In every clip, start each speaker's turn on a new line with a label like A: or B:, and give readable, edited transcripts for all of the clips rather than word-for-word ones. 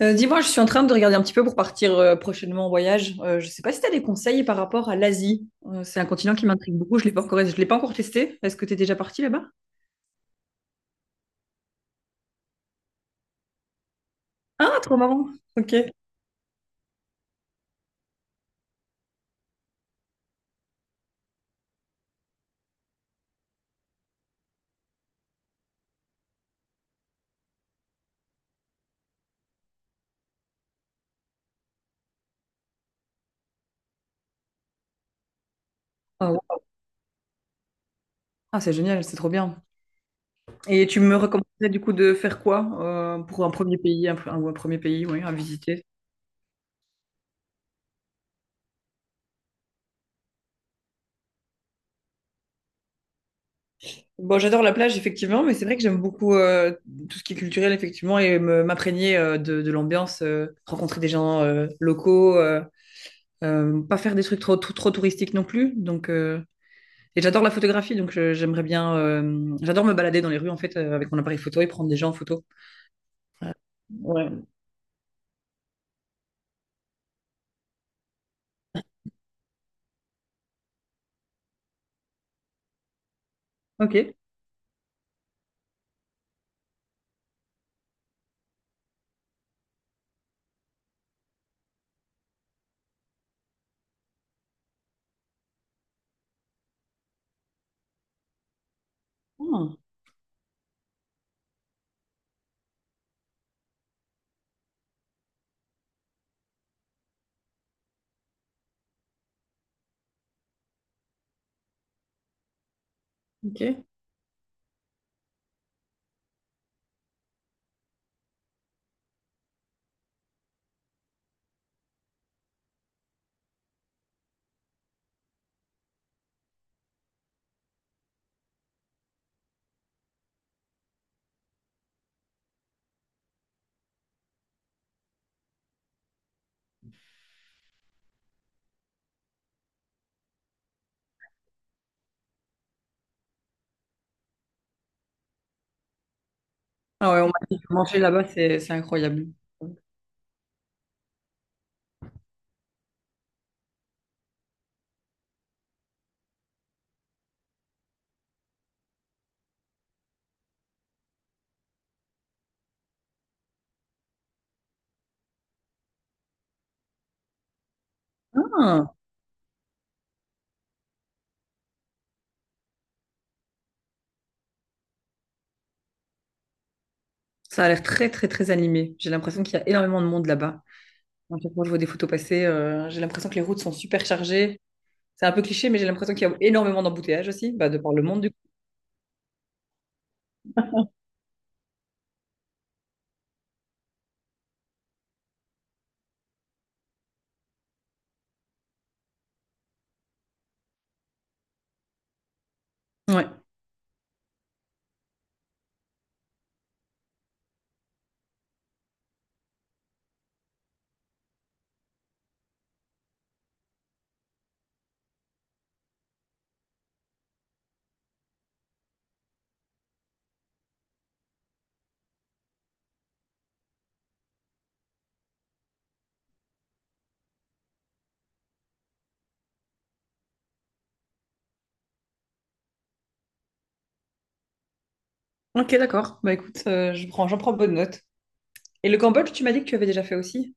A: Dis-moi, je suis en train de regarder un petit peu pour partir prochainement en voyage. Je sais pas si tu as des conseils par rapport à l'Asie. C'est un continent qui m'intrigue beaucoup. Je l'ai pas encore testé. Est-ce que tu es déjà parti là-bas? Ah, trop marrant. Ok. Ah, ouais. Ah, c'est génial, c'est trop bien. Et tu me recommanderais du coup de faire quoi pour un premier pays, ou un premier pays, oui, à visiter? Bon, j'adore la plage effectivement, mais c'est vrai que j'aime beaucoup tout ce qui est culturel effectivement et m'imprégner de l'ambiance, rencontrer des gens locaux. Pas faire des trucs trop, trop, trop touristiques non plus. Et j'adore la photographie, donc j'aimerais bien. J'adore me balader dans les rues en fait avec mon appareil photo et prendre des gens en photo. Euh, ouais. Ok. Ah, ok. Ah ouais, on m'a dit que manger là-bas, c'est incroyable. Ah, ça a l'air très très très animé. J'ai l'impression qu'il y a énormément de monde là-bas. À chaque fois que je vois des photos passer, j'ai l'impression que les routes sont super chargées. C'est un peu cliché, mais j'ai l'impression qu'il y a énormément d'embouteillages aussi, bah, de par le monde du coup. Ouais. Ok, d'accord. Bah écoute, j'en prends bonne note. Et le Cambodge, tu m'as dit que tu avais déjà fait aussi?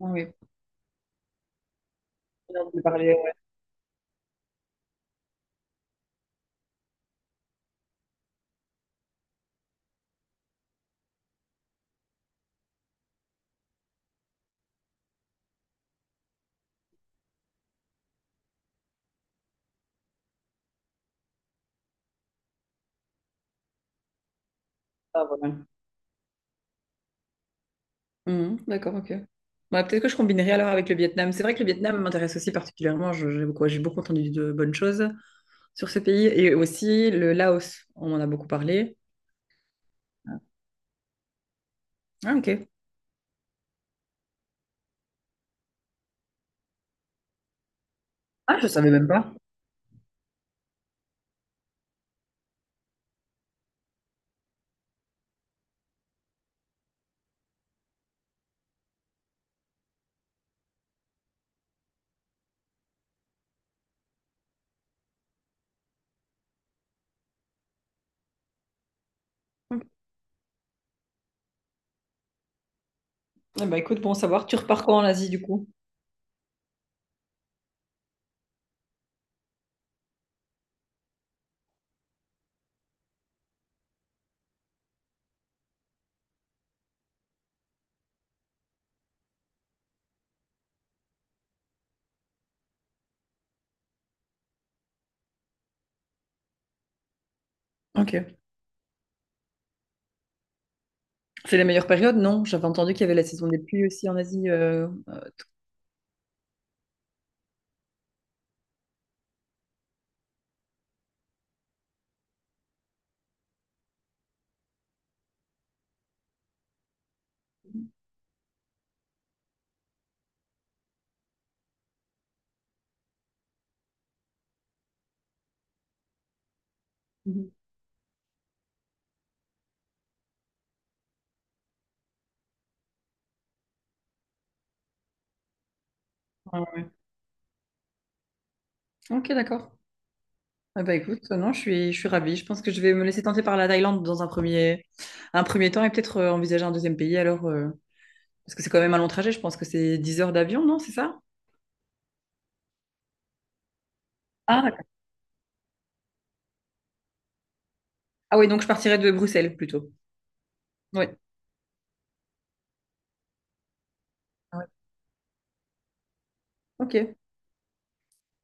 A: Ah oui. On en a entendu ouais, ça, voilà. Mhm, d'accord, ok. Bah, peut-être que je combinerai alors avec le Vietnam. C'est vrai que le Vietnam m'intéresse aussi particulièrement. J'ai beaucoup entendu de bonnes choses sur ce pays. Et aussi le Laos, on en a beaucoup parlé. Ah, ok. Ah, je savais même pas. Eh ben, écoute, bon savoir, tu repars quand en Asie du coup? Ok. C'est la meilleure période, non? J'avais entendu qu'il y avait la saison des pluies aussi en Asie. Mhm. Ok, d'accord. Eh ben, écoute, non, je suis ravie. Je pense que je vais me laisser tenter par la Thaïlande dans un premier temps et peut-être envisager un deuxième pays alors. Parce que c'est quand même un long trajet, je pense que c'est 10 heures d'avion, non? C'est ça? Ah, d'accord. Ah oui, donc je partirai de Bruxelles plutôt. Oui. Ah ouais. Ok.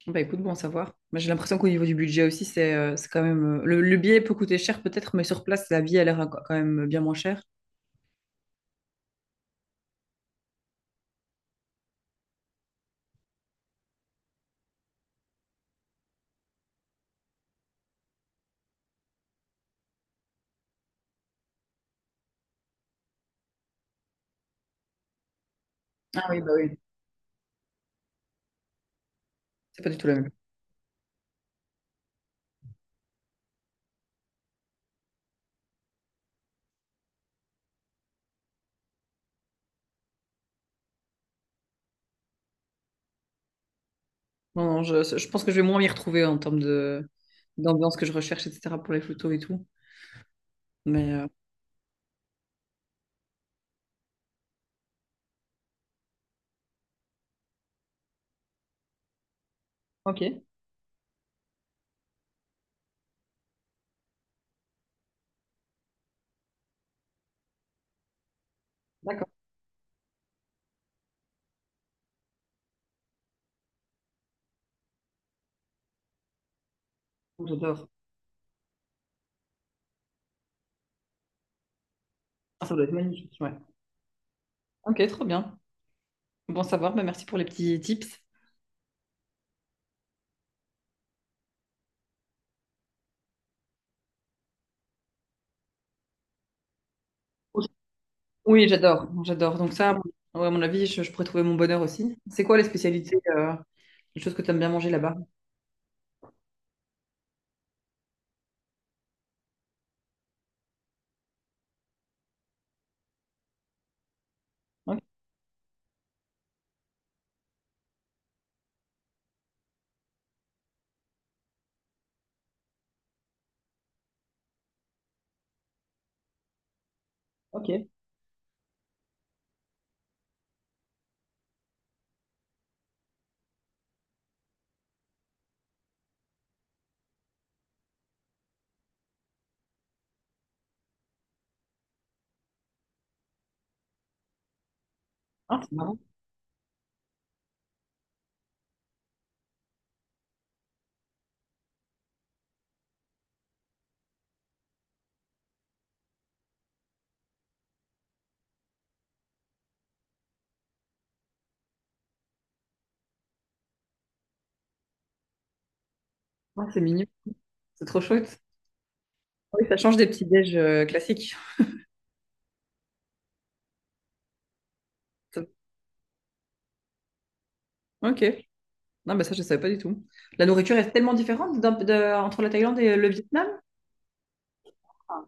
A: Bah écoute, bon à savoir. Bah, j'ai l'impression qu'au niveau du budget aussi, c'est quand même. Le billet peut coûter cher peut-être, mais sur place, la vie a l'air quand même bien moins chère. Ah oui, bah oui. C'est pas du tout la même. Non, non, je pense que je vais moins m'y retrouver en termes de d'ambiance que je recherche, etc. pour les photos et tout. Mais euh, ok, d'accord. J'adore. Ah, ça doit être magnifique, ouais. Ok, trop bien. Bon à savoir, bah merci pour les petits tips. Oui, j'adore, j'adore. Donc ça, ouais, à mon avis, je pourrais trouver mon bonheur aussi. C'est quoi les spécialités, les choses que tu aimes bien manger là-bas? Ok. Ok. Ah, c'est marrant. Ah, c'est mignon. C'est trop chouette. Oui, ça change des petits déj classiques. Ça- Ok. Non, mais ça, je ne savais pas du tout. La nourriture est tellement différente entre la Thaïlande et le Vietnam. Ah,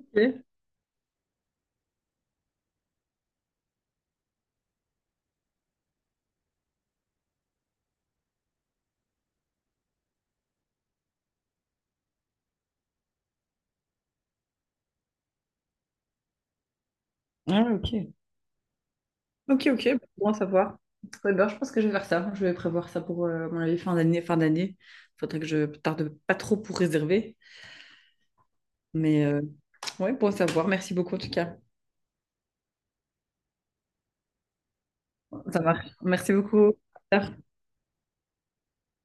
A: ok. Ah, ouais, ok. Ok, ok. Bon bon à savoir. Ouais, ben, je pense que je vais faire ça. Je vais prévoir ça pour mon avis fin d'année. Fin d'année. Faudrait que je tarde pas trop pour réserver. Mais euh, ouais, bon à savoir. Merci beaucoup en tout cas. Ça marche. Merci beaucoup. À plus. Tard.